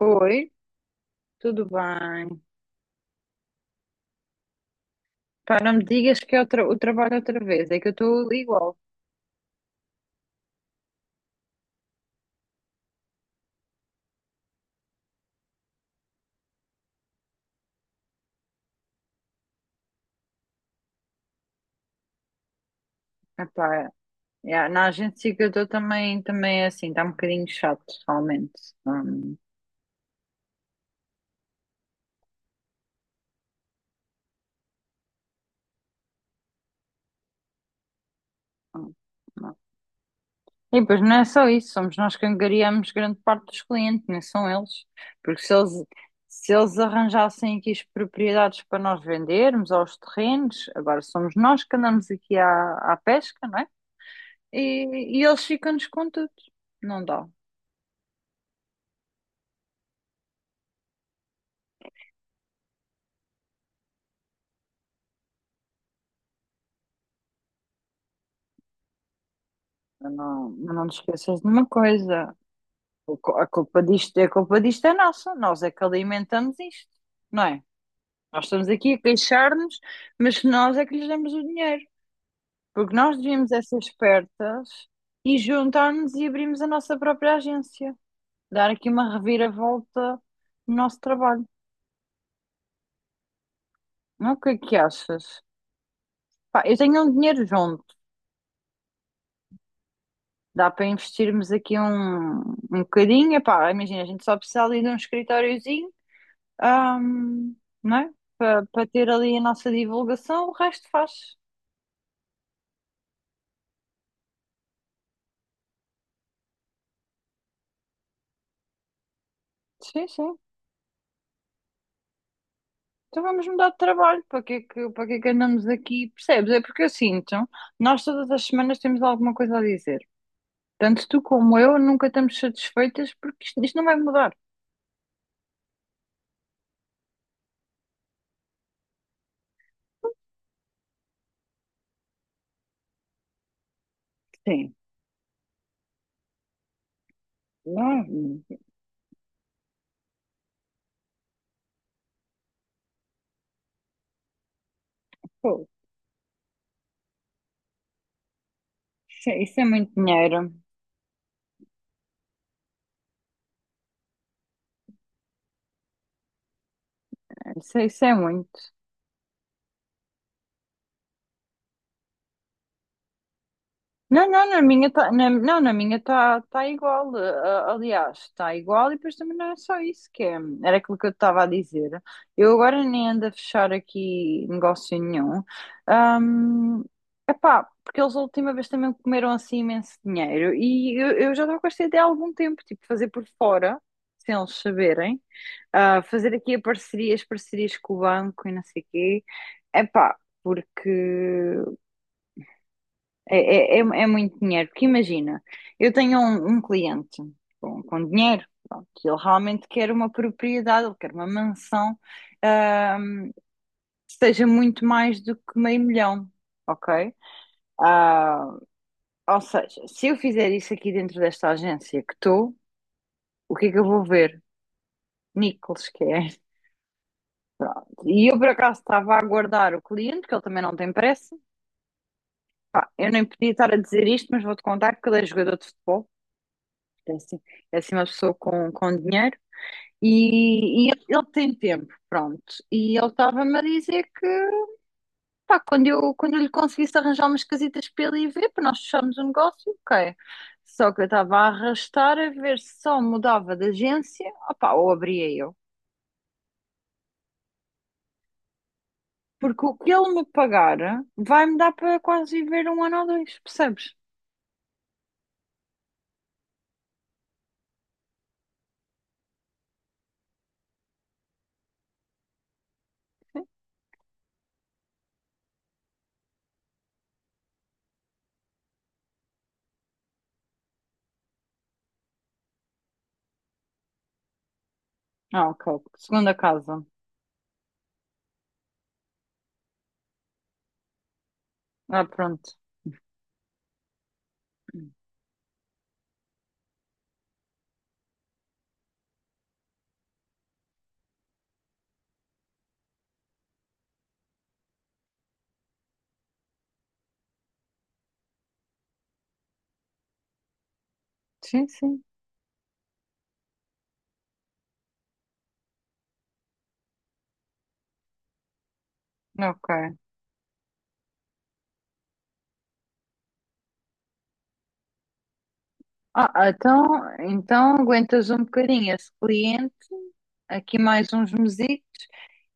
Oi, tudo bem? Pá, não me digas que é o trabalho outra vez, é que eu estou igual. Epá, na agência que eu estou também é assim, está um bocadinho chato, realmente. Hum, hum, hum. E depois não é só isso, somos nós que angariamos grande parte dos clientes, não são eles. Porque se eles, Se eles arranjassem aqui as propriedades para nós vendermos, aos terrenos, agora somos nós que andamos aqui à pesca, não é? E eles ficam-nos com tudo. Não dá. Mas não te esqueças de uma coisa. A culpa disto é nossa. Nós é que alimentamos isto, não é? Nós estamos aqui a queixar-nos, mas nós é que lhes damos o dinheiro. Porque nós devíamos é ser espertas e juntar-nos e abrirmos a nossa própria agência. Dar aqui uma reviravolta no nosso trabalho. Não, o que é que achas? Pá, eu tenho um dinheiro junto. Dá para investirmos aqui um bocadinho. Epá, imagina, a gente só precisa ali de um escritóriozinho. Ahm, não é? Para ter ali a nossa divulgação, o resto faz. Sim, sim. Então vamos mudar de trabalho. Para que é que andamos aqui? Percebes? É porque eu sinto, nós todas as semanas temos alguma coisa a dizer. Tanto tu como eu nunca estamos satisfeitas porque isto não vai mudar. Sim, não, pô, isso é muito dinheiro. Isso é muito. Não, não, na minha tá, na, não, Na minha está igual. Aliás, está igual e depois também não é só isso que é. Era aquilo que eu estava a dizer. Eu agora nem ando a fechar aqui negócio nenhum. Ahm, epá, porque eles a última vez também comeram assim imenso dinheiro e eu já estava com esta ideia há algum tempo, tipo, fazer por fora, sem eles saberem, ah, fazer aqui a parceria, as parcerias com o banco e não sei o quê. Epá, porque é muito dinheiro, porque imagina, eu tenho um cliente com dinheiro, pronto, que ele realmente quer uma propriedade, ele quer uma mansão, ahm, que seja muito mais do que meio milhão, ok? Ah, ou seja, se eu fizer isso aqui dentro desta agência que estou, o que é que eu vou ver? Nichols, que é. Pronto. E eu por acaso estava a aguardar o cliente, que ele também não tem pressa. Pá, eu nem podia estar a dizer isto, mas vou-te contar que ele é jogador de futebol. É assim, é assim uma pessoa com dinheiro e ele tem tempo, pronto. E ele estava-me a dizer que pá, quando eu lhe conseguisse arranjar umas casitas para ele ir ver, para nós fecharmos o negócio, ok. Só que eu estava a arrastar a ver se só mudava de agência, opá, ou abria eu. Porque o que ele me pagar vai-me dar para quase viver um ano ou dois, percebes? Ah, ok. Segunda casa. Ah, pronto. Sim, sim. Ok. Ah, então, então aguentas um bocadinho esse cliente, aqui mais uns mesitos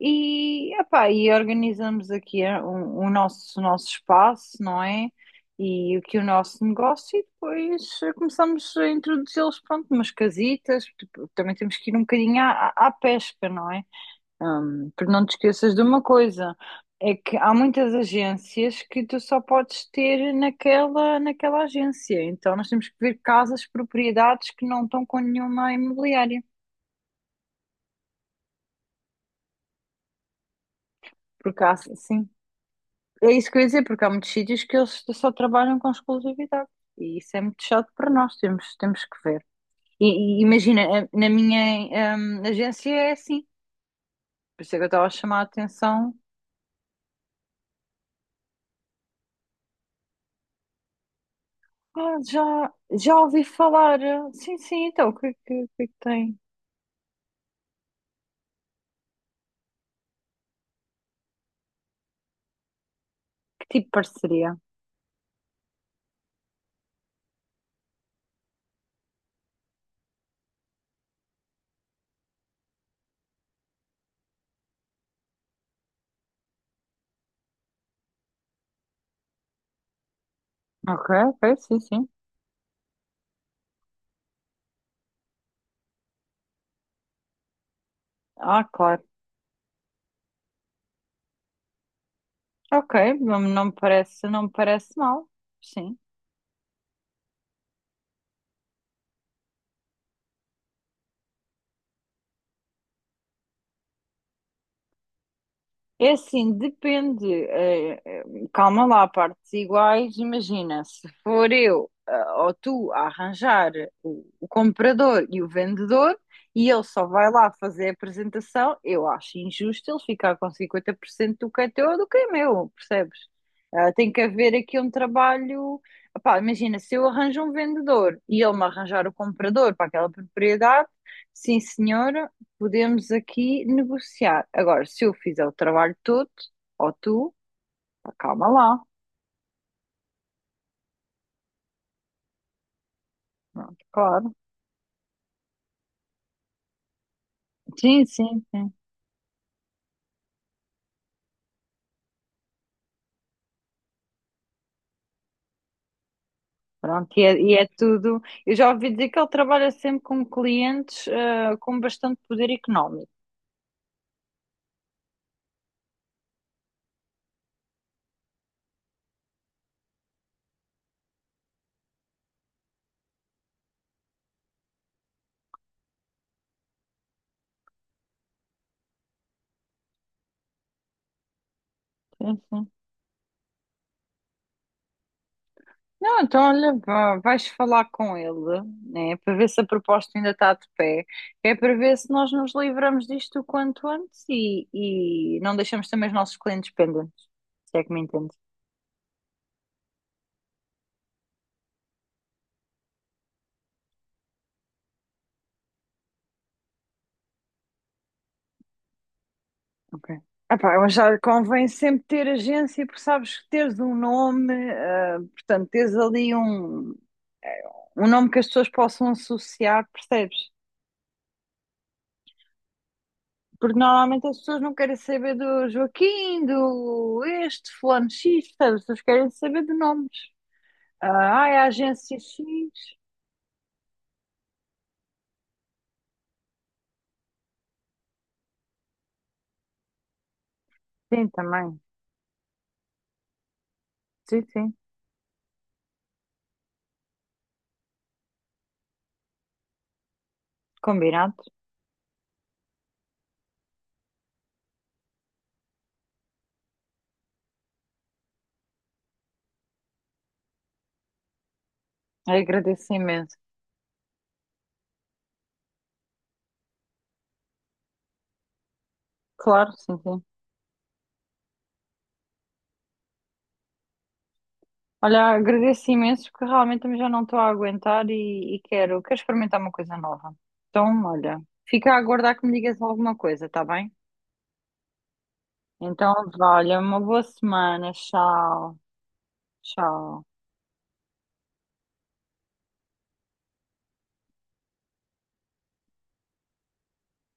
e, epá, e organizamos aqui eh, o nosso espaço, não é? E aqui o nosso negócio e depois eh, começamos a introduzi-los, pronto, umas casitas, tipo, também temos que ir um bocadinho à pesca, não é? Porque não te esqueças de uma coisa, é que há muitas agências que tu só podes ter naquela agência. Então nós temos que ver casas, propriedades que não estão com nenhuma imobiliária. Porque há, sim, é isso que eu ia dizer, porque há muitos sítios que eles só trabalham com exclusividade. E isso é muito chato para nós, temos, temos que ver. E imagina, na minha, agência é assim. Por isso é que eu estava a chamar a atenção. Ah, já, já ouvi falar. Sim, sim, então, o que é que tem? Que tipo de parceria? Ok, ok, sim, sim. Ah, claro. Ok, não, não me parece, não me parece mal. Sim. É assim, depende. Calma lá, partes iguais. Imagina, se for eu ah, ou tu a arranjar o comprador e o vendedor e ele só vai lá fazer a apresentação, eu acho injusto ele ficar com 50% do que é teu ou do que é meu, percebes? Ah, tem que haver aqui um trabalho. Epá, imagina, se eu arranjo um vendedor e ele me arranjar o comprador para aquela propriedade, sim senhor, podemos aqui negociar. Agora, se eu fizer o trabalho todo, ou tu, calma lá. Pronto, claro. Sim, sim, sim. Pronto, e é tudo. Eu já ouvi dizer que ele trabalha sempre com clientes, ah, com bastante poder económico. Sim, sim. Não, então olha, vais falar com ele, né, para ver se a proposta ainda está de pé, é para ver se nós nos livramos disto o quanto antes e não deixamos também os nossos clientes pendentes, se é que me entendes. Ok. Epá, eu já convém sempre ter agência, porque sabes que teres um nome, ah, portanto, teres ali um nome que as pessoas possam associar, percebes? Porque normalmente as pessoas não querem saber do Joaquim, do este, fulano X, percebes? As pessoas querem saber de nomes. Ah, ai, a agência X. Sim, também. Sim, sim. Combinado. Agradeço imenso. Claro, sim, sim. Olha, agradeço imenso porque realmente também já não estou a aguentar e quero, quero experimentar uma coisa nova. Então, olha, fica a aguardar que me digas alguma coisa, tá bem? Então, vá, olha, uma boa semana. Tchau, tchau.